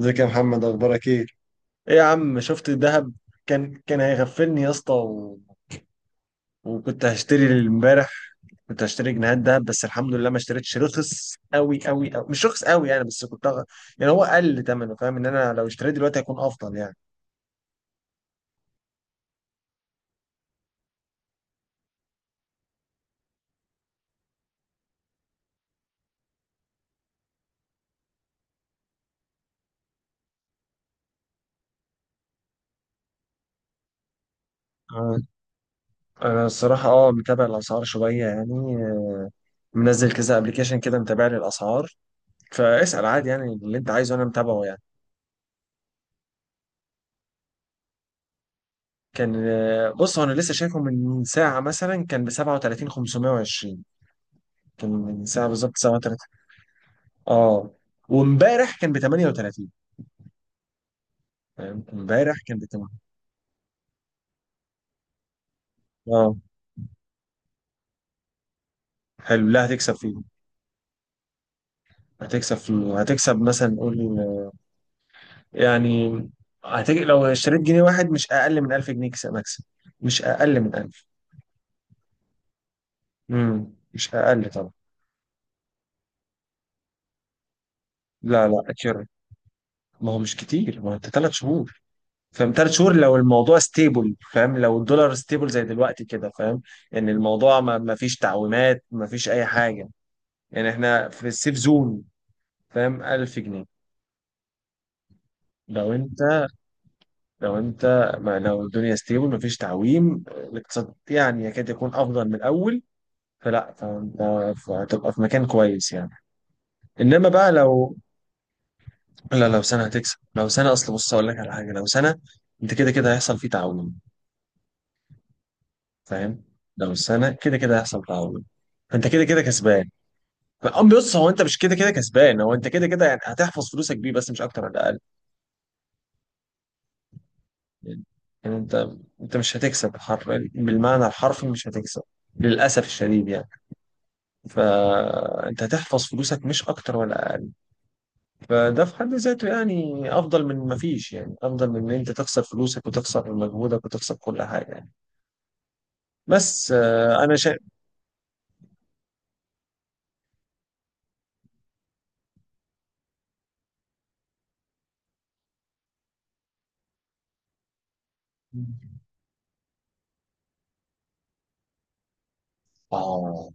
ازيك يا محمد، اخبارك ايه؟ ايه يا عم، شفت الذهب؟ كان هيغفلني يا اسطى، وكنت هشتري امبارح، كنت هشتري جنيهات ذهب. بس الحمد لله ما اشتريتش. رخص قوي قوي قوي، مش رخص قوي يعني، بس كنت يعني هو قل ثمنه. فاهم ان انا لو اشتريت دلوقتي هيكون افضل يعني. آه، انا الصراحه متابع الاسعار شويه يعني. منزل كذا ابلكيشن كده، متابع لي الاسعار، فاسال عادي يعني، اللي انت عايزه انا متابعه يعني. كان بص هو انا لسه شايفه من ساعه، مثلا كان ب 37 520، كان من ساعة بالظبط ساعة 3. اه، وامبارح كان ب 38، فاهم؟ امبارح كان ب 8. اه، حلو. لا، هتكسب مثلا، قول يعني. لو اشتريت جنيه واحد مش اقل من 1000 جنيه مكسب. مش اقل من 1000. مش اقل طبعا. لا لا، اكيوريت. ما هو مش كتير، ما هو انت 3 شهور، فاهم؟ 3 شهور لو الموضوع ستيبل، فاهم؟ لو الدولار ستيبل زي دلوقتي كده، فاهم؟ ان الموضوع ما فيش تعويمات، ما فيش اي حاجه، يعني احنا في السيف زون، فاهم؟ 1000 جنيه. لو انت لو انت ما لو الدنيا ستيبل مفيش تعويم، الاقتصاد يعني يكاد يكون افضل من الاول، فلا، فانت هتبقى في مكان كويس يعني. انما بقى لو... لا، لو سنه هتكسب. لو سنه، اصل بص اقول لك على حاجه، لو سنه انت كده كده هيحصل فيه تعويم، فاهم؟ لو سنه كده كده هيحصل تعويم، فانت كده كده كسبان. بص، هو انت مش كده كده كسبان، هو انت كده كده يعني هتحفظ فلوسك بيه، بس مش اكتر ولا اقل يعني. انت انت مش هتكسب بالمعنى الحرفي مش هتكسب، للاسف الشديد يعني. فانت هتحفظ فلوسك مش اكتر ولا اقل. فده في حد ذاته يعني افضل من ما فيش، يعني افضل من ان انت تخسر فلوسك وتخسر مجهودك وتخسر كل حاجه يعني. بس انا شايف. اه،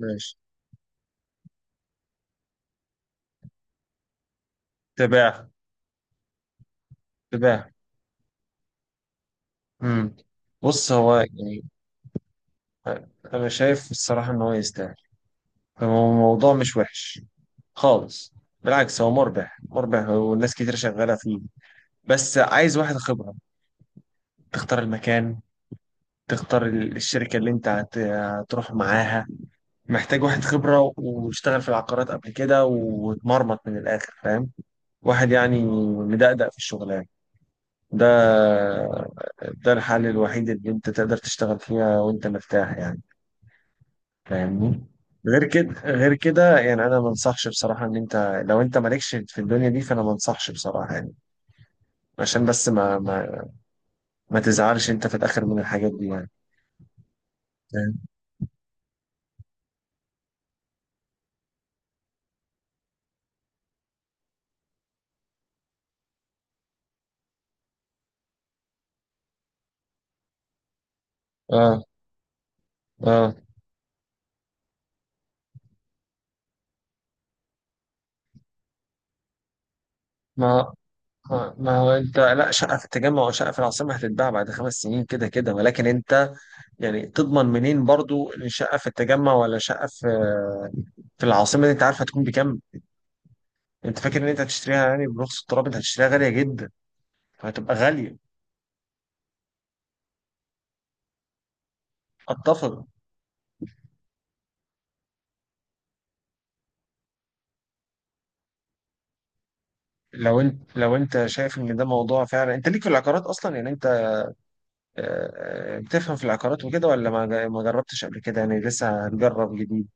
ماشي. تباع. تباع. امم بص، هو يعني انا شايف الصراحه ان هو يستاهل، هو الموضوع مش وحش خالص، بالعكس، هو مربح مربح، والناس كتير شغالة فيه. بس عايز واحد خبرة، تختار المكان، تختار الشركة اللي انت هتروح معاها. محتاج واحد خبرة واشتغل في العقارات قبل كده، واتمرمط من الآخر، فاهم؟ واحد يعني مدقدق في الشغلانة ده ده الحل الوحيد اللي انت تقدر تشتغل فيها وانت مرتاح يعني، فاهمني؟ غير كده، غير كده يعني انا ما انصحش بصراحة، ان انت لو انت مالكش في الدنيا دي، فانا ما انصحش بصراحة يعني، عشان بس ما تزعلش انت في الاخر من الحاجات دي يعني، فاهم؟ اه اه. ما ما هو انت، لا، شقه في التجمع وشقه في العاصمه هتتباع بعد 5 سنين كده كده، ولكن انت يعني تضمن منين برضو ان شقه في التجمع ولا شقه في العاصمه دي انت عارف هتكون بكام؟ انت فاكر ان انت هتشتريها يعني برخص التراب؟ انت هتشتريها غاليه جدا، فهتبقى غاليه. اتفق. لو انت شايف ان ده موضوع فعلا انت ليك في العقارات اصلا، يعني انت بتفهم في العقارات وكده، ولا ما جربتش قبل كده يعني لسه هتجرب جديد؟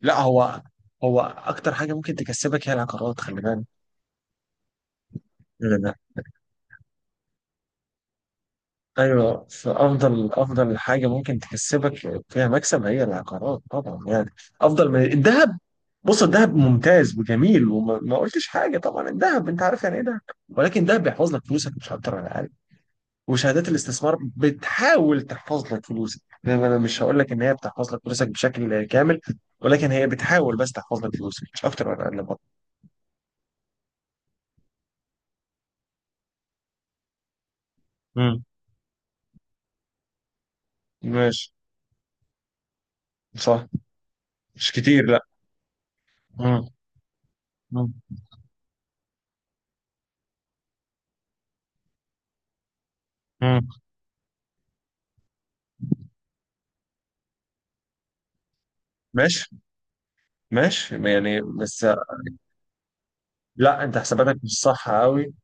لا، هو اكتر حاجه ممكن تكسبك هي العقارات، خلي بالك. لا، لا. ايوه، فافضل حاجه ممكن تكسبك فيها مكسب هي العقارات طبعا يعني، افضل من الذهب. بص الذهب ممتاز وجميل، وما ما قلتش حاجه طبعا، الذهب انت عارف يعني ايه ده. ولكن ده بيحفظ لك فلوسك مش اكتر ولا اقل. وشهادات الاستثمار بتحاول تحفظ لك فلوسك يعني، انا مش هقول لك ان هي بتحفظ لك فلوسك بشكل كامل، ولكن هي بتحاول بس تحفظ لك فلوسك مش اكتر ولا اقل برضه. مم. ماشي. صح. مش كتير، لا. مم. مم. مم. ماشي، ماشي يعني، بس... لا، انت حساباتك مش صح قوي.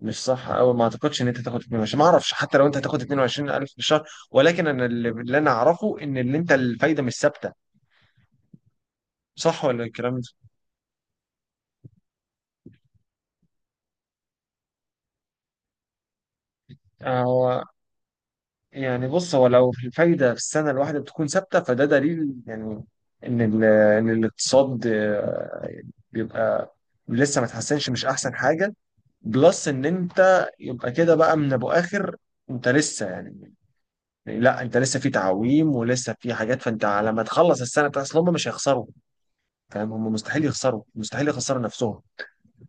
مش صح قوي، ما اعتقدش ان انت تاخد 22، ما اعرفش حتى لو انت هتاخد 22000 في الشهر، ولكن انا اللي انا اعرفه ان اللي انت الفايده مش ثابته. صح ولا الكلام؟ ده هو يعني، بص هو لو الفايدة في السنة الواحدة بتكون ثابتة، فده دليل يعني إن ال- إن الاقتصاد بيبقى لسه ما اتحسنش، مش أحسن حاجة. بلس إن أنت يبقى كده بقى من أبو آخر، أنت لسه يعني، لا، أنت لسه في تعويم ولسه في حاجات، فأنت على ما تخلص السنة بتاعت، أصل هم مش هيخسروا، فاهم؟ هم مستحيل يخسروا، مستحيل يخسروا نفسهم.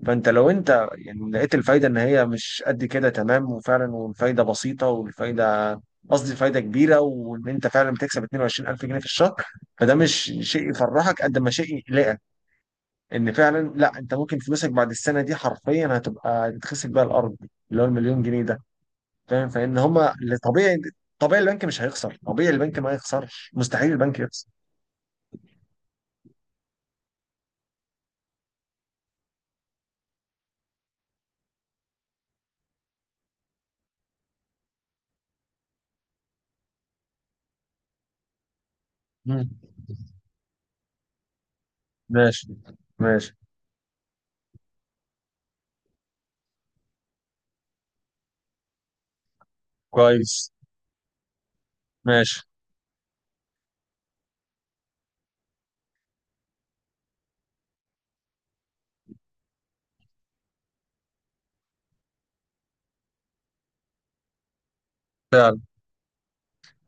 فانت لو انت يعني لقيت الفايده ان هي مش قد كده تمام، وفعلا والفايده بسيطه، والفايده قصدي فايده كبيره، وان انت فعلا بتكسب 22000 جنيه في الشهر، فده مش شيء يفرحك قد ما شيء يقلقك، ان فعلا لا، انت ممكن فلوسك بعد السنه دي حرفيا هتبقى تتخسف بيها الارض، اللي هو المليون جنيه ده، فاهم؟ فان هما اللي طبيعي، طبيعي البنك مش هيخسر، طبيعي البنك ما يخسرش، مستحيل البنك يخسر. مم. ماشي. ماشي. كويس. ماشي.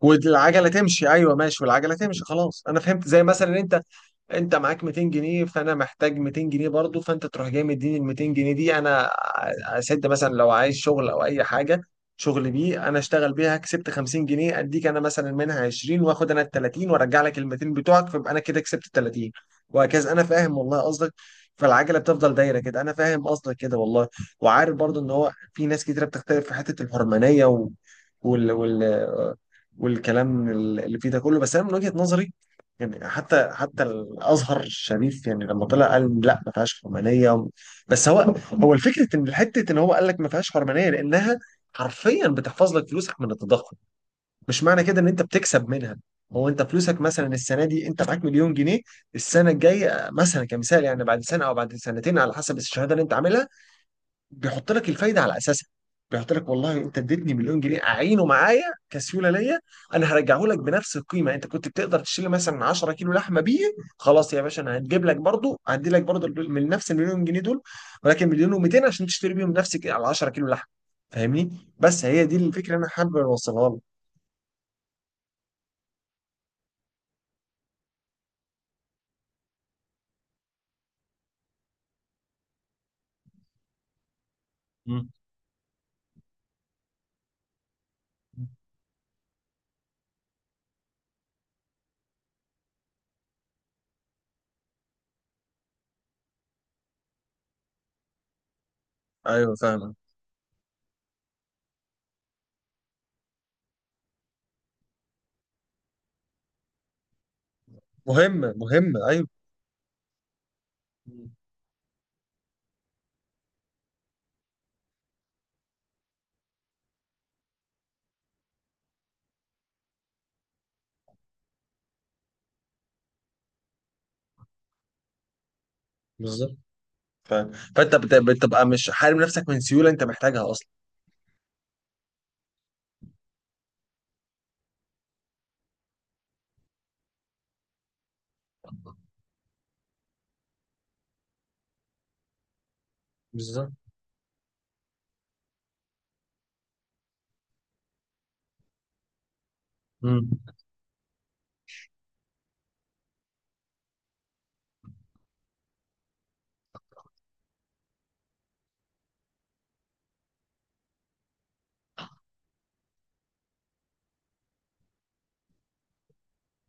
والعجله تمشي، ايوه، ماشي والعجله تمشي. خلاص، انا فهمت. زي مثلا انت معاك 200 جنيه، فانا محتاج 200 جنيه برضو، فانت تروح جاي مديني ال 200 جنيه دي، انا اسد مثلا لو عايز شغل او اي حاجه، شغل بيه انا اشتغل بيها، كسبت 50 جنيه، اديك انا مثلا منها 20، واخد انا ال 30، وارجع لك ال 200 بتوعك، فيبقى انا كده كسبت ال 30، وهكذا. انا فاهم والله قصدك، فالعجله بتفضل دايره كده. انا فاهم قصدك كده والله. وعارف برضو ان هو في ناس كتيره بتختلف في حته الحرمانيه وال... وال... والكلام اللي فيه ده كله، بس انا من وجهه نظري يعني. حتى الازهر الشريف يعني لما طلع قال لا ما فيهاش حرمانيه. بس هو الفكره، ان حته ان هو قال لك ما فيهاش حرمانيه لانها حرفيا بتحفظ لك فلوسك من التضخم، مش معنى كده ان انت بتكسب منها. هو انت فلوسك مثلا السنه دي انت معاك مليون جنيه، السنه الجايه مثلا كمثال يعني، بعد سنه او بعد سنتين على حسب الشهاده اللي انت عاملها، بيحط لك الفايده على اساسها. بيحط لك والله انت اديتني مليون جنيه اعينه معايا كسيوله ليا، انا هرجعه لك بنفس القيمه. انت كنت بتقدر تشيل مثلا 10 كيلو لحمه بيه، خلاص يا باشا، انا هجيب لك برضو، هدي لك برضو من نفس المليون جنيه دول، ولكن مليون و200 عشان تشتري بيهم نفسك على 10 كيلو لحمه، فاهمني؟ بس هي دي الفكره اللي انا حابب اوصلها لك. مم. ايوه، فاهم. مهمه مهمه، ايوه. مم. بالظبط. فاهم، فانت بتبقى مش حارم نفسك من سيوله انت محتاجها اصلا. بالظبط. مم.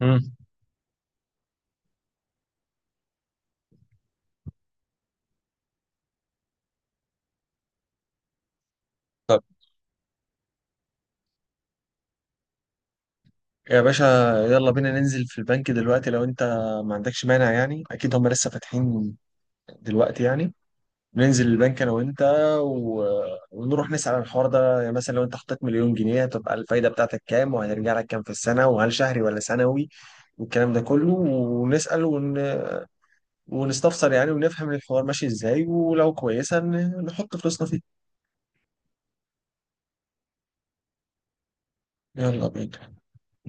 مم. يا باشا، يلا بينا ننزل في البنك دلوقتي لو انت ما عندكش مانع يعني، اكيد هم لسه فاتحين دلوقتي يعني. ننزل البنك انا وانت، و... ونروح نسأل عن الحوار ده يعني، مثلا لو انت حطيت مليون جنيه هتبقى الفايدة بتاعتك كام، وهترجع لك كام في السنة، وهل شهري ولا سنوي، والكلام ده كله، ونسأل ونستفسر يعني، ونفهم الحوار ماشي ازاي، ولو كويسة نحط فلوسنا فيه. يلا بينا.